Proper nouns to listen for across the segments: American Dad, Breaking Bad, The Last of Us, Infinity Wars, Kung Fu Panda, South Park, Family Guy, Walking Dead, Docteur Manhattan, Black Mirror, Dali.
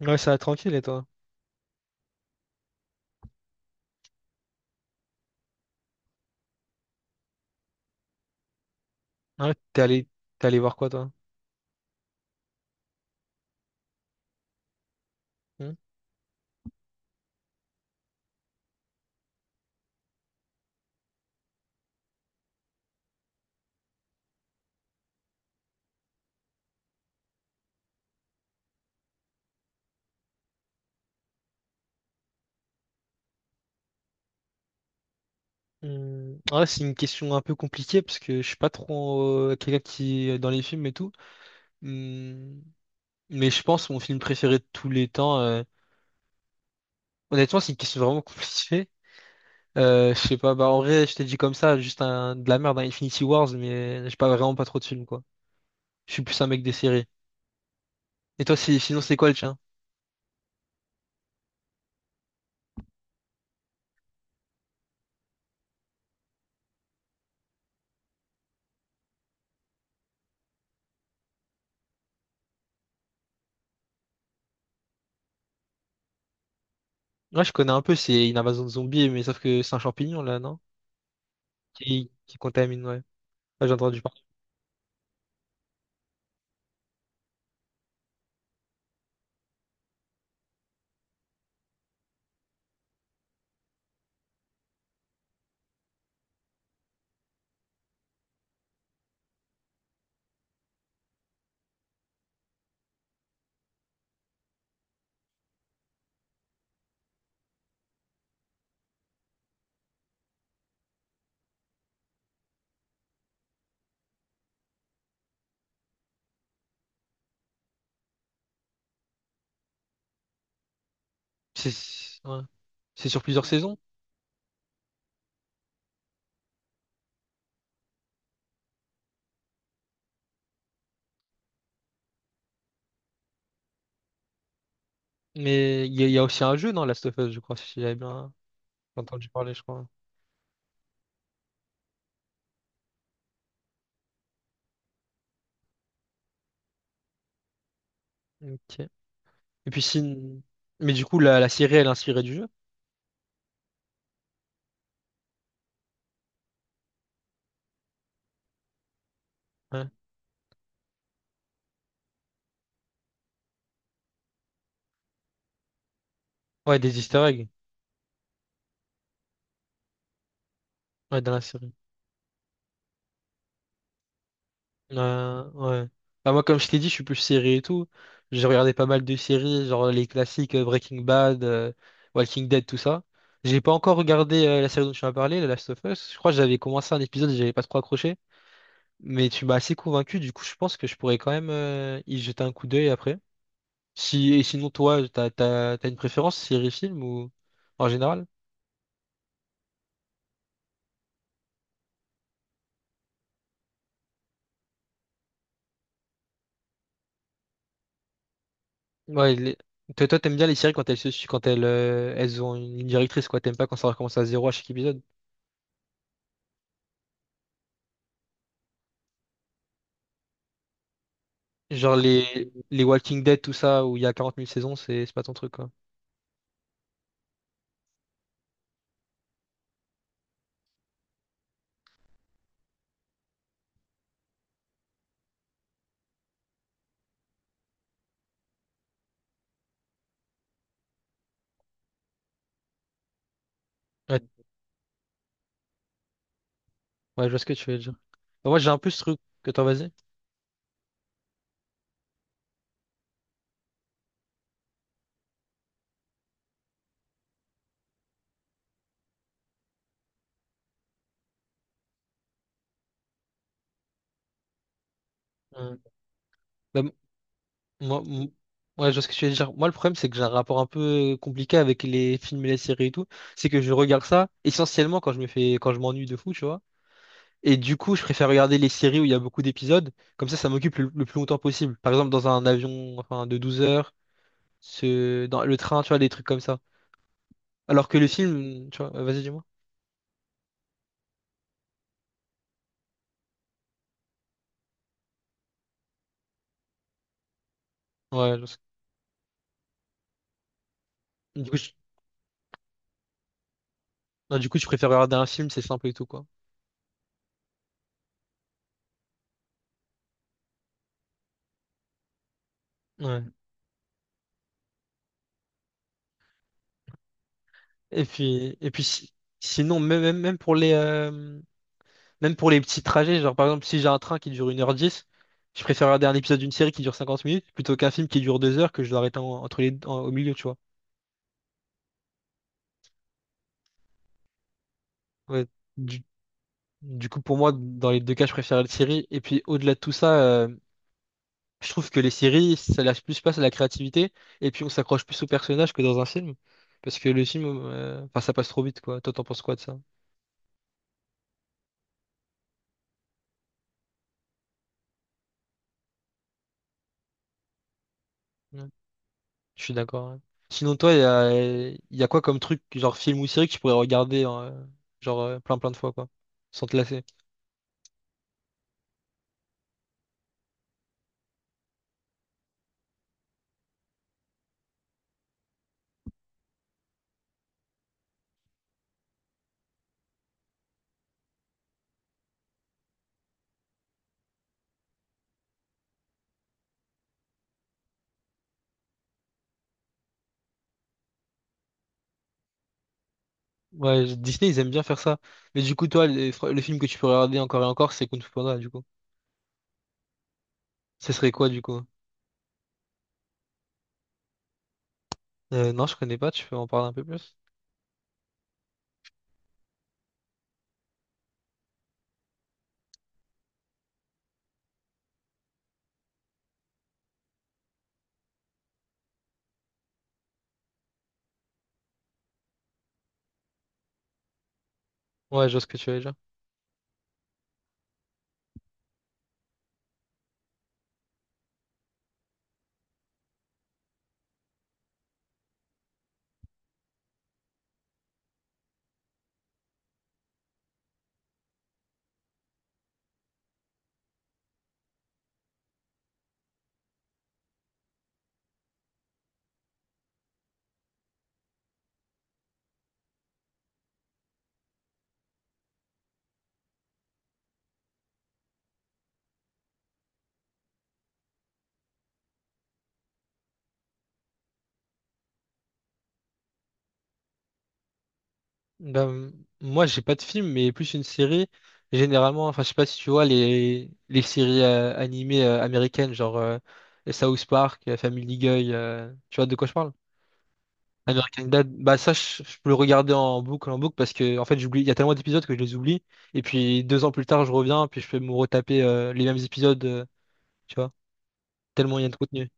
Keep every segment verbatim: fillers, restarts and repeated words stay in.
Ouais, ça va tranquille, et toi? Ouais, t'es allé, t'es allé voir quoi, toi? Hmm. Hmm, ouais, c'est une question un peu compliquée parce que je suis pas trop euh, quelqu'un qui est dans les films et tout. Hmm, mais je pense mon film préféré de tous les temps. euh, Honnêtement, c'est une question vraiment compliquée. Euh, je sais pas, bah en vrai, je t'ai dit comme ça, juste un, de la merde, un Infinity Wars, mais j'ai pas vraiment pas trop de films, quoi. Je suis plus un mec des séries. Et toi, si, sinon, c'est quoi le tien? Ouais, je connais un peu, c'est une invasion de zombies, mais sauf que c'est un champignon, là, non? Qui, qui contamine, ouais. Ouais, j'ai entendu parler. C'est Ouais. C'est sur plusieurs saisons, mais il y, a il y a aussi un jeu, non, Last of Us, je crois, si j'avais bien entendu parler, je crois. Ok. Et puis si... Mais du coup, la, la série, elle est inspirée du jeu. Ouais, ouais des easter eggs. Ouais, dans la série. Euh, ouais. Bah, moi, comme je t'ai dit, je suis plus série et tout. J'ai regardé pas mal de séries, genre les classiques euh, Breaking Bad, euh, Walking Dead, tout ça. J'ai pas encore regardé euh, la série dont tu m'as parlé, The Last of Us. Je crois que j'avais commencé un épisode et j'avais pas trop accroché. Mais tu m'as assez convaincu, du coup, je pense que je pourrais quand même euh, y jeter un coup d'œil après. Si... Et sinon, toi, t'as, t'as, t'as une préférence, série, film ou en général? Ouais, les- toi, toi, t'aimes bien les séries quand elles se su- quand elles, euh, elles ont une ligne directrice, quoi. T'aimes pas quand ça recommence à zéro à chaque épisode. Genre les, les Walking Dead, tout ça, où il y a quarante mille saisons, c'est c'est pas ton truc, quoi. Ouais, ouais, je vois ce que tu veux dire. Bah, moi, j'ai un peu ce truc que toi, vas-y. Ouais. Bah, m- moi, m- ouais, je vois ce que tu veux dire. Moi, le problème, c'est que j'ai un rapport un peu euh, compliqué avec les films et les séries et tout. C'est que je regarde ça essentiellement quand je me fais, quand je m'ennuie de fou, tu vois. Et du coup, je préfère regarder les séries où il y a beaucoup d'épisodes. Comme ça, ça m'occupe le, le plus longtemps possible. Par exemple, dans un avion enfin, de douze heures, ce, dans le train, tu vois, des trucs comme ça. Alors que le film, tu vois, vas-y, dis-moi. Ouais, je sais. du coup, je, non, du coup, je préfère regarder un film, c'est simple et tout, quoi. Ouais. Et puis, et puis si- sinon, même, même, même pour les, euh, même pour les petits trajets, genre par exemple, si j'ai un train qui dure une heure dix, je préfère regarder un épisode d'une série qui dure cinquante minutes plutôt qu'un film qui dure deux heures que je dois arrêter en- entre les, en- au milieu, tu vois. Ouais. Du, Du coup, pour moi, dans les deux cas, je préfère les séries. Et puis, au-delà de tout ça, euh, je trouve que les séries, ça lâche plus place à la créativité. Et puis, on s'accroche plus aux personnages que dans un film. Parce que le film, euh, enfin, ça passe trop vite, quoi. Toi, t'en penses quoi de ça? Ouais, je suis d'accord. Ouais. Sinon, toi, il y a, y a quoi comme truc, genre film ou série que tu pourrais regarder, euh, genre, euh, plein plein de fois, quoi, sans te lasser? Ouais, je- Disney, ils aiment bien faire ça. Mais du coup, toi, les- fr- le film que tu pourrais regarder encore et encore, c'est Kung Fu Panda, du coup. Ce serait quoi, du coup? Euh, non, je connais pas, tu peux en parler un peu plus? Ouais, je vois ce que tu veux dire. Ben, moi, j'ai pas de film, mais plus une série. Généralement, enfin, je sais pas si tu vois les, les séries euh, animées euh, américaines, genre euh, South Park, euh, Family Guy, euh, tu vois de quoi je parle? American Dad, bah ça, je, je peux le regarder en boucle, en boucle, parce que, en fait, j'oublie, il y a tellement d'épisodes que je les oublie. Et puis, deux ans plus tard, je reviens, puis je peux me retaper euh, les mêmes épisodes, euh, tu vois, tellement il y a de contenu.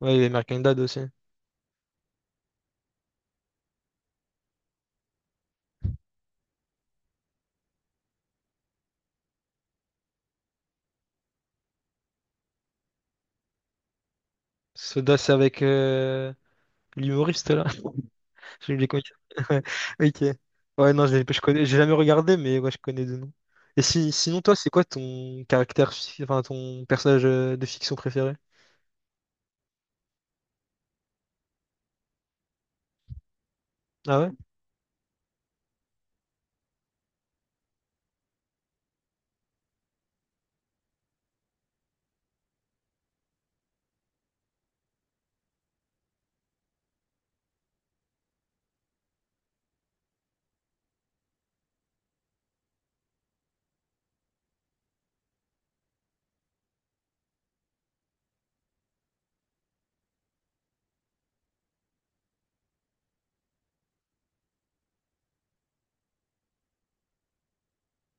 Ouais, et American Dad aussi. Soda, c'est avec euh, l'humoriste, là. Je les connais. Ok. Ouais, non, j'ai- je connais, j'ai jamais regardé, mais ouais, je connais de nom. Et si, sinon, toi, c'est quoi ton caractère, fi- enfin, ton personnage euh, de fiction préféré? Ah ouais?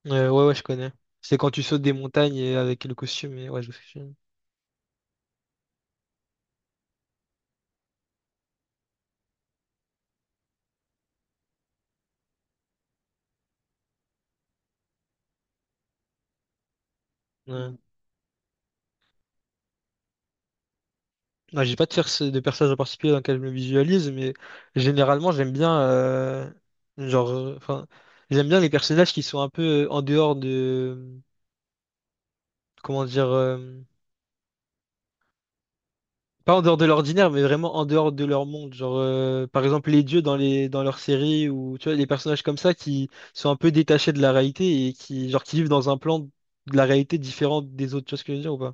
Euh, ouais, ouais, je connais. C'est quand tu sautes des montagnes et avec le costume, et ouais, je sais. que tu- Ouais. Ouais, j'ai pas de, perso de personnage en particulier dans lequel je me visualise, mais généralement, j'aime bien, euh, genre, euh, enfin, j'aime bien les personnages qui sont un peu euh, en dehors de, comment dire, euh, pas en dehors de l'ordinaire, mais vraiment en dehors de leur monde. Genre, euh, par exemple, les dieux dans les dans leurs séries ou tu vois, les personnages comme ça qui sont un peu détachés de la réalité et qui genre qui vivent dans un plan de la réalité différent des autres. Tu vois ce que je veux dire ou pas?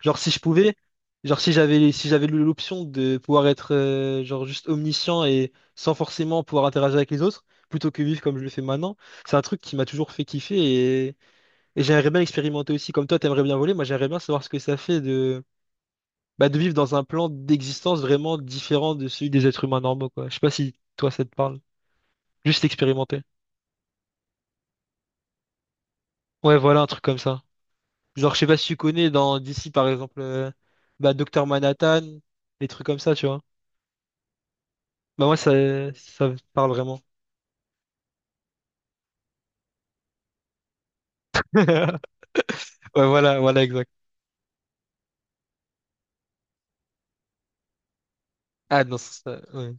Genre, si je pouvais, genre si j'avais si j'avais l'option de pouvoir être euh, genre juste omniscient et sans forcément pouvoir interagir avec les autres, plutôt que vivre comme je le fais maintenant, c'est un truc qui m'a toujours fait kiffer et, et j'aimerais bien expérimenter aussi. Comme toi, t'aimerais bien voler, moi j'aimerais bien savoir ce que ça fait bah, de vivre dans un plan d'existence vraiment différent de celui des êtres humains normaux, quoi. Je sais pas si toi ça te parle. Juste expérimenter. Ouais, voilà, un truc comme ça. Genre, je sais pas si tu connais dans d'ici par exemple, euh, bah, Docteur Manhattan, des trucs comme ça, tu vois. Bah, moi, ça, ça me parle vraiment. Ouais, voilà, voilà, exact. Ah, non, ça, ouais.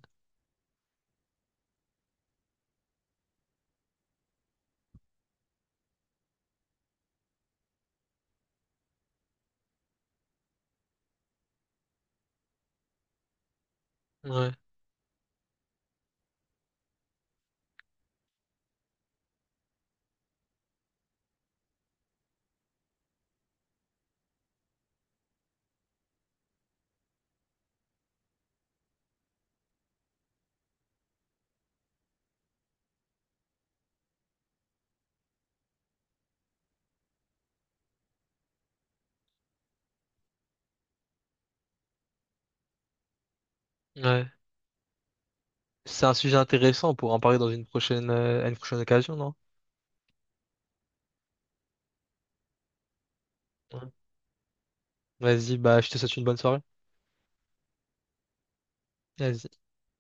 Ouais, ouais. C'est un sujet intéressant pour en parler dans une prochaine, euh, à une prochaine occasion, non? Ouais. Vas-y, bah, je te souhaite une bonne soirée. Vas-y.